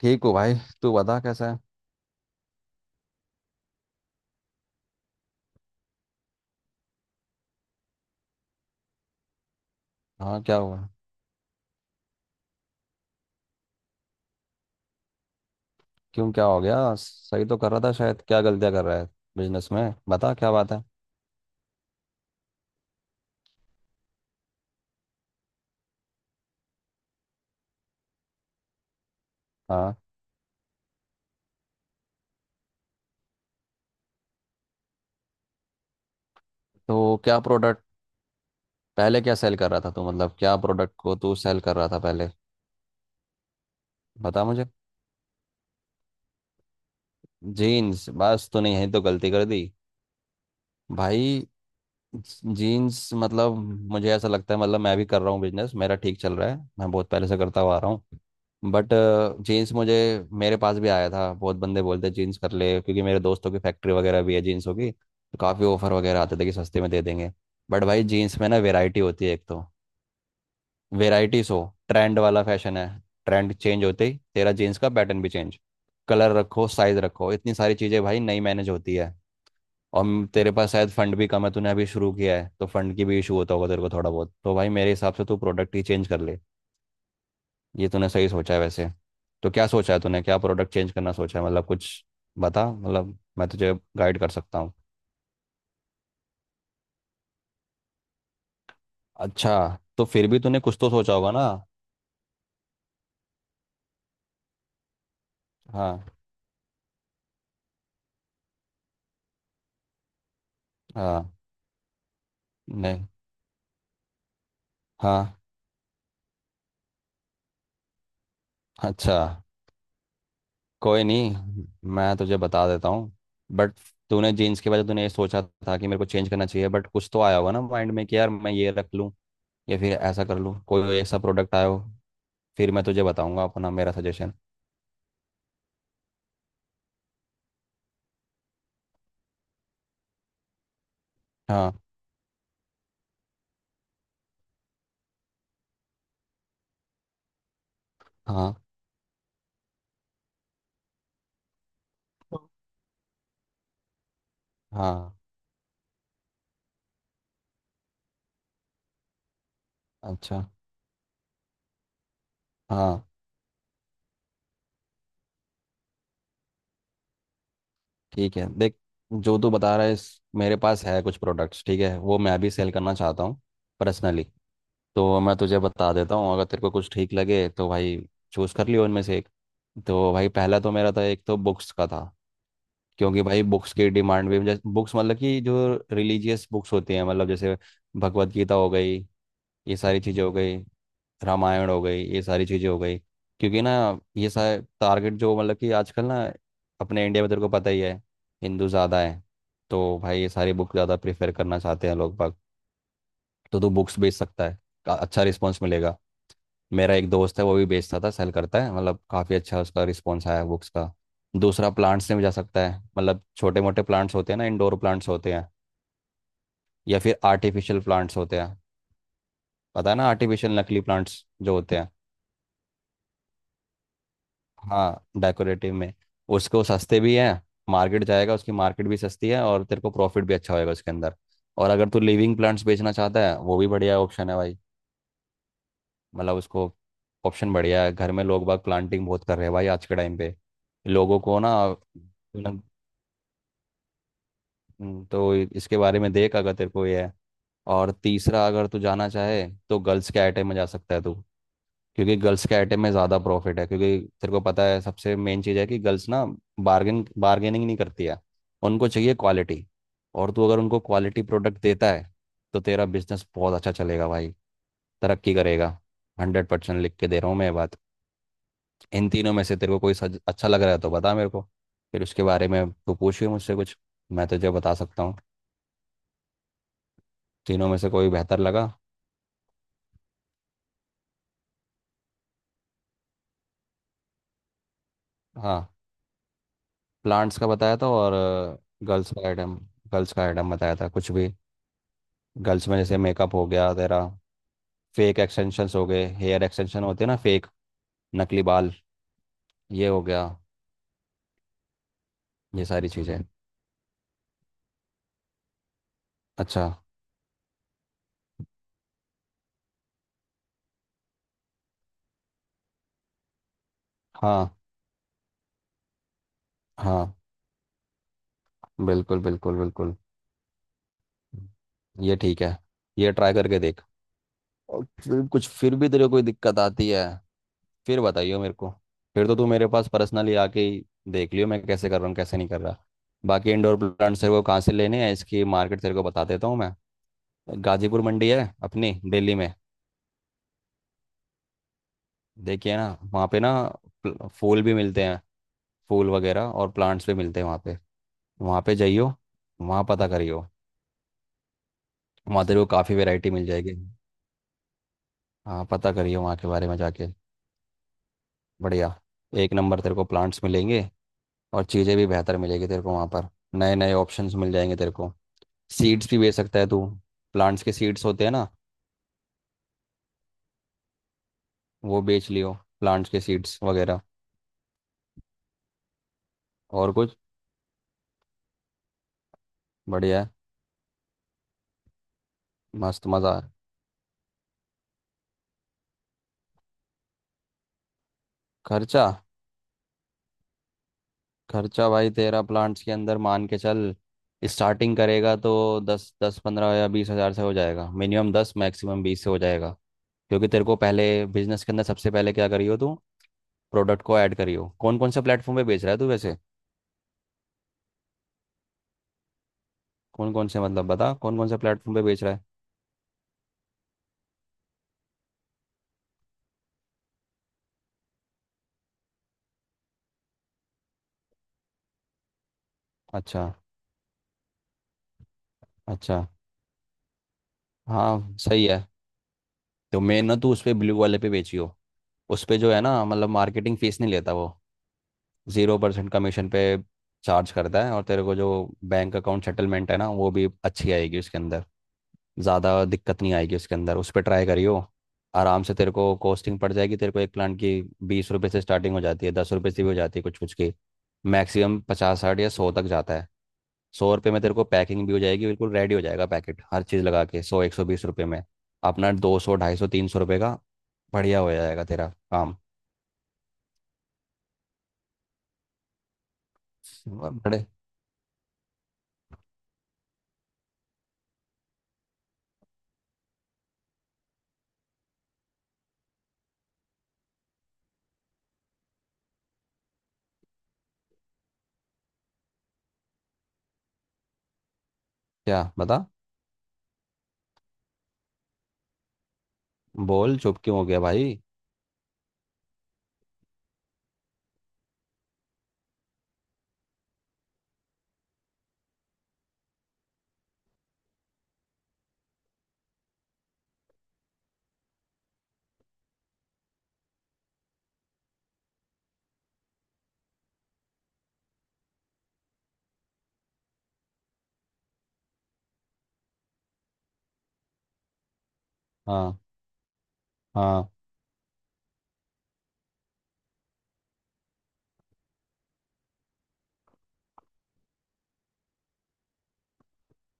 ठीक हो भाई? तू बता कैसा है? हाँ, क्या हुआ? क्यों, क्या हो गया? सही तो कर रहा था शायद, क्या गलतियाँ कर रहा है बिजनेस में, बता क्या बात है। हाँ। तो क्या प्रोडक्ट पहले क्या सेल कर रहा था तू, मतलब क्या प्रोडक्ट को तू सेल कर रहा था पहले, बता मुझे। जीन्स, बस तूने यही तो गलती कर दी भाई। जीन्स मतलब, मुझे ऐसा लगता है, मतलब मैं भी कर रहा हूँ बिजनेस, मेरा ठीक चल रहा है, मैं बहुत पहले से करता हुआ आ रहा हूँ, बट जीन्स मुझे मेरे पास भी आया था, बहुत बंदे बोलते हैं जीन्स कर ले, क्योंकि मेरे दोस्तों की फैक्ट्री वगैरह भी है जीन्सों की, तो काफ़ी ऑफर वगैरह आते थे कि सस्ते में दे देंगे। बट भाई जीन्स में ना वेराइटी होती है एक तो, वेराइटी। सो ट्रेंड वाला फैशन है, ट्रेंड चेंज होते ही तेरा जीन्स का पैटर्न भी चेंज। कलर रखो, साइज रखो, इतनी सारी चीज़ें भाई नई मैनेज होती है। और तेरे पास शायद फंड भी कम है, तूने अभी शुरू किया है, तो फंड की भी इशू होता होगा तेरे को थोड़ा बहुत, तो भाई मेरे हिसाब से तू प्रोडक्ट ही चेंज कर ले। ये तूने सही सोचा है वैसे। तो क्या सोचा है तूने, क्या प्रोडक्ट चेंज करना सोचा है मतलब कुछ? बता, मतलब मैं तुझे गाइड कर सकता हूँ। अच्छा। तो फिर भी तूने कुछ तो सोचा होगा ना। हाँ। हाँ। नहीं। हाँ। अच्छा। कोई नहीं, मैं तुझे बता देता हूँ बट, तूने जीन्स के वजह तूने ये सोचा था कि मेरे को चेंज करना चाहिए, बट कुछ तो आया होगा ना माइंड में कि यार मैं ये रख लूँ या फिर ऐसा कर लूँ, कोई ऐसा प्रोडक्ट आया हो। फिर मैं तुझे बताऊंगा अपना मेरा सजेशन। हाँ। हाँ। हाँ। अच्छा। हाँ ठीक है, देख जो तू बता रहा है मेरे पास है कुछ प्रोडक्ट्स, ठीक है, वो मैं भी सेल करना चाहता हूँ पर्सनली। तो मैं तुझे बता देता हूँ, अगर तेरे को कुछ ठीक लगे तो भाई चूज़ कर लियो उनमें से एक। तो भाई पहला तो मेरा था, एक तो बुक्स का था, क्योंकि भाई बुक्स की डिमांड भी। बुक्स मतलब कि जो रिलीजियस बुक्स होती हैं, मतलब जैसे भगवत गीता हो गई, ये सारी चीज़ें हो गई, रामायण हो गई, ये सारी चीज़ें हो गई, क्योंकि ना ये सारे टारगेट जो मतलब कि आजकल ना, अपने इंडिया में तेरे को पता ही है हिंदू ज़्यादा है, तो भाई ये सारी बुक ज़्यादा प्रेफर करना चाहते हैं लोग बाग। तो तू बुक्स बेच सकता है, अच्छा रिस्पॉन्स मिलेगा। मेरा एक दोस्त है वो भी बेचता था, सेल करता है मतलब, काफ़ी अच्छा उसका रिस्पॉन्स आया बुक्स का। दूसरा, प्लांट्स में भी जा सकता है, मतलब छोटे मोटे प्लांट्स होते हैं ना, इंडोर प्लांट्स होते हैं, या फिर आर्टिफिशियल प्लांट्स होते हैं। पता है ना, आर्टिफिशियल नकली प्लांट्स जो होते हैं। हाँ डेकोरेटिव में उसको, सस्ते भी है, मार्केट जाएगा उसकी मार्केट भी सस्ती है, और तेरे को प्रॉफिट भी अच्छा होएगा उसके अंदर। और अगर तू लिविंग प्लांट्स बेचना चाहता है, वो भी बढ़िया ऑप्शन है भाई, मतलब उसको ऑप्शन बढ़िया है। घर में लोग बाग प्लांटिंग बहुत कर रहे हैं भाई आज के टाइम पे, लोगों को ना मतलब। तो इसके बारे में देख अगर तेरे को ये है। और तीसरा, अगर तू जाना चाहे तो गर्ल्स के आइटम में जा सकता है तू, क्योंकि गर्ल्स के आइटम में ज़्यादा प्रॉफिट है, क्योंकि तेरे को पता है, सबसे मेन चीज़ है कि गर्ल्स ना बार्गेनिंग नहीं करती है। उनको चाहिए क्वालिटी, और तू अगर उनको क्वालिटी प्रोडक्ट देता है, तो तेरा बिजनेस बहुत अच्छा चलेगा भाई, तरक्की करेगा। 100% लिख के दे रहा हूँ मैं ये बात। इन तीनों में से तेरे को कोई अच्छा लग रहा है तो बता मेरे को, फिर उसके बारे में तू पूछिए मुझसे कुछ, मैं तुझे बता सकता हूँ। तीनों में से कोई बेहतर लगा? हाँ। प्लांट्स का बताया था और गर्ल्स का आइटम, गर्ल्स का आइटम बताया था, कुछ भी। गर्ल्स में जैसे मेकअप हो गया तेरा, फेक एक्सटेंशंस हो गए, हेयर एक्सटेंशन होते हैं ना फेक, नकली बाल, ये हो गया, ये सारी चीज़ें। अच्छा। हाँ, हाँ, बिल्कुल बिल्कुल बिल्कुल। ये ठीक है, ये ट्राई करके देख। और फिर कुछ, फिर भी तेरे को कोई दिक्कत आती है, फिर बताइए मेरे को। फिर तो तू मेरे पास पर्सनली आके ही देख लियो मैं कैसे कर रहा हूँ कैसे नहीं कर रहा। बाकी इंडोर प्लांट्स तेरे को कहाँ से लेने हैं, इसकी मार्केट तेरे को बता देता हूँ मैं। गाजीपुर मंडी है अपनी दिल्ली में। देखिए ना, वहाँ पे ना फूल भी मिलते हैं, फूल वगैरह, और प्लांट्स भी मिलते हैं वहाँ पे। वहाँ पे जाइयो, वहाँ पता करियो, वहाँ तेरे को काफ़ी वैरायटी मिल जाएगी। हाँ पता करियो वहाँ के बारे में जाके। बढ़िया, एक नंबर तेरे को प्लांट्स मिलेंगे, और चीज़ें भी बेहतर मिलेगी तेरे को वहाँ पर, नए नए ऑप्शंस मिल जाएंगे तेरे को। सीड्स भी बेच सकता है तू, प्लांट्स के सीड्स होते हैं ना, वो बेच लियो, प्लांट्स के सीड्स वगैरह और कुछ। बढ़िया है। मस्त, मज़ा। खर्चा, खर्चा भाई तेरा प्लांट्स के अंदर मान के चल, स्टार्टिंग करेगा तो दस दस 15 या 20 हज़ार से हो जाएगा, मिनिमम 10 मैक्सिमम 20 से हो जाएगा। क्योंकि तेरे को पहले, बिजनेस के अंदर सबसे पहले क्या करियो तू, प्रोडक्ट को ऐड करियो। कौन कौन से प्लेटफॉर्म पे बेच रहा है तू वैसे, कौन कौन से मतलब, बता कौन कौन से प्लेटफॉर्म पे बेच रहा है? अच्छा, अच्छा। हाँ सही है, तो मैं ना, तू उस पर ब्लू वाले पे बेचियो। उस पे जो है ना, मतलब मार्केटिंग फीस नहीं लेता वो, 0% कमीशन पे चार्ज करता है। और तेरे को जो बैंक अकाउंट सेटलमेंट है ना वो भी अच्छी आएगी उसके अंदर, ज़्यादा दिक्कत नहीं आएगी उसके अंदर, उस पर ट्राई करियो। आराम से तेरे को कॉस्टिंग पड़ जाएगी तेरे को एक प्लांट की, 20 रुपए से स्टार्टिंग हो जाती है, 10 रुपए से भी हो जाती है कुछ कुछ की, मैक्सिमम 50, 60 या 100 तक जाता है। 100 रुपये में तेरे को पैकिंग भी हो जाएगी, बिल्कुल रेडी हो जाएगा पैकेट, हर चीज़ लगा के सौ 120 रुपये में, अपना 200, 250, 300 रुपये का बढ़िया हो जाएगा तेरा काम। बड़े, क्या बता, बोल, चुप क्यों हो गया भाई? हाँ। हाँ।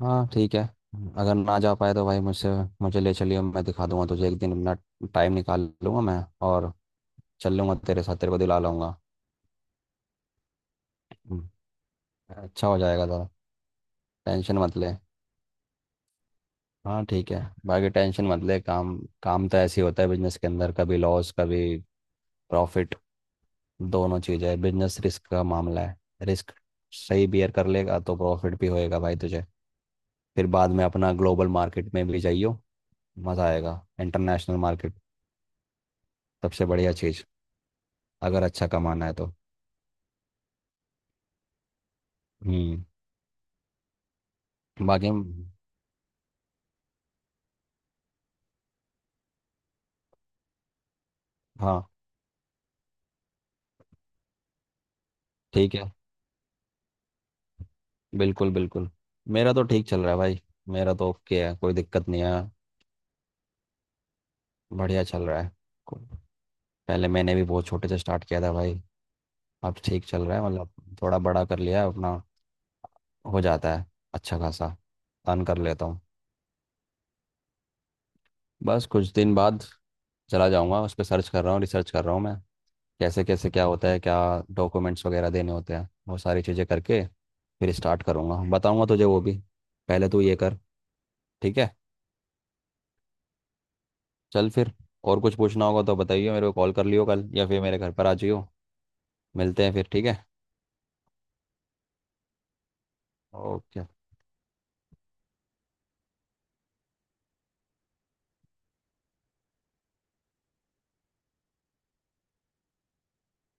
हाँ ठीक है, अगर ना जा पाए तो भाई मुझसे, मुझे ले चलियो, मैं दिखा दूंगा तुझे एक दिन, अपना टाइम निकाल लूंगा मैं, और चल लूंगा तेरे साथ, तेरे को दिला लाऊंगा। हम्म, अच्छा हो जाएगा ज़रा। टेंशन मत ले। हाँ ठीक है, बाकी टेंशन मत ले, काम, काम तो ऐसे ही होता है बिजनेस के अंदर, कभी लॉस कभी प्रॉफिट, दोनों चीज़ है, बिजनेस रिस्क का मामला है। रिस्क सही बियर कर लेगा तो प्रॉफिट भी होएगा भाई तुझे। फिर बाद में अपना ग्लोबल मार्केट में भी जाइयो, मज़ा आएगा, इंटरनेशनल मार्केट, सबसे बढ़िया चीज अगर अच्छा कमाना है तो। हम्म। बाकी हाँ ठीक है, बिल्कुल बिल्कुल। मेरा तो ठीक चल रहा है भाई, मेरा तो ओके है, कोई दिक्कत नहीं है, बढ़िया चल रहा है। को- पहले मैंने भी बहुत छोटे से स्टार्ट किया था भाई, अब ठीक चल रहा है मतलब, थोड़ा बड़ा कर लिया है अपना, हो जाता है अच्छा खासा, अर्न कर लेता हूँ। बस कुछ दिन बाद चला जाऊँगा, उस पर सर्च कर रहा हूँ, रिसर्च कर रहा हूँ मैं, कैसे कैसे क्या होता है, क्या डॉक्यूमेंट्स वगैरह देने होते हैं, वो सारी चीज़ें करके फिर स्टार्ट करूँगा, बताऊँगा तुझे वो भी, पहले तू ये कर। ठीक है, चल फिर, और कुछ पूछना होगा तो बताइए मेरे को, कॉल कर लियो कल, या फिर मेरे घर पर आ जाइयो, मिलते हैं फिर, ठीक है? ओके।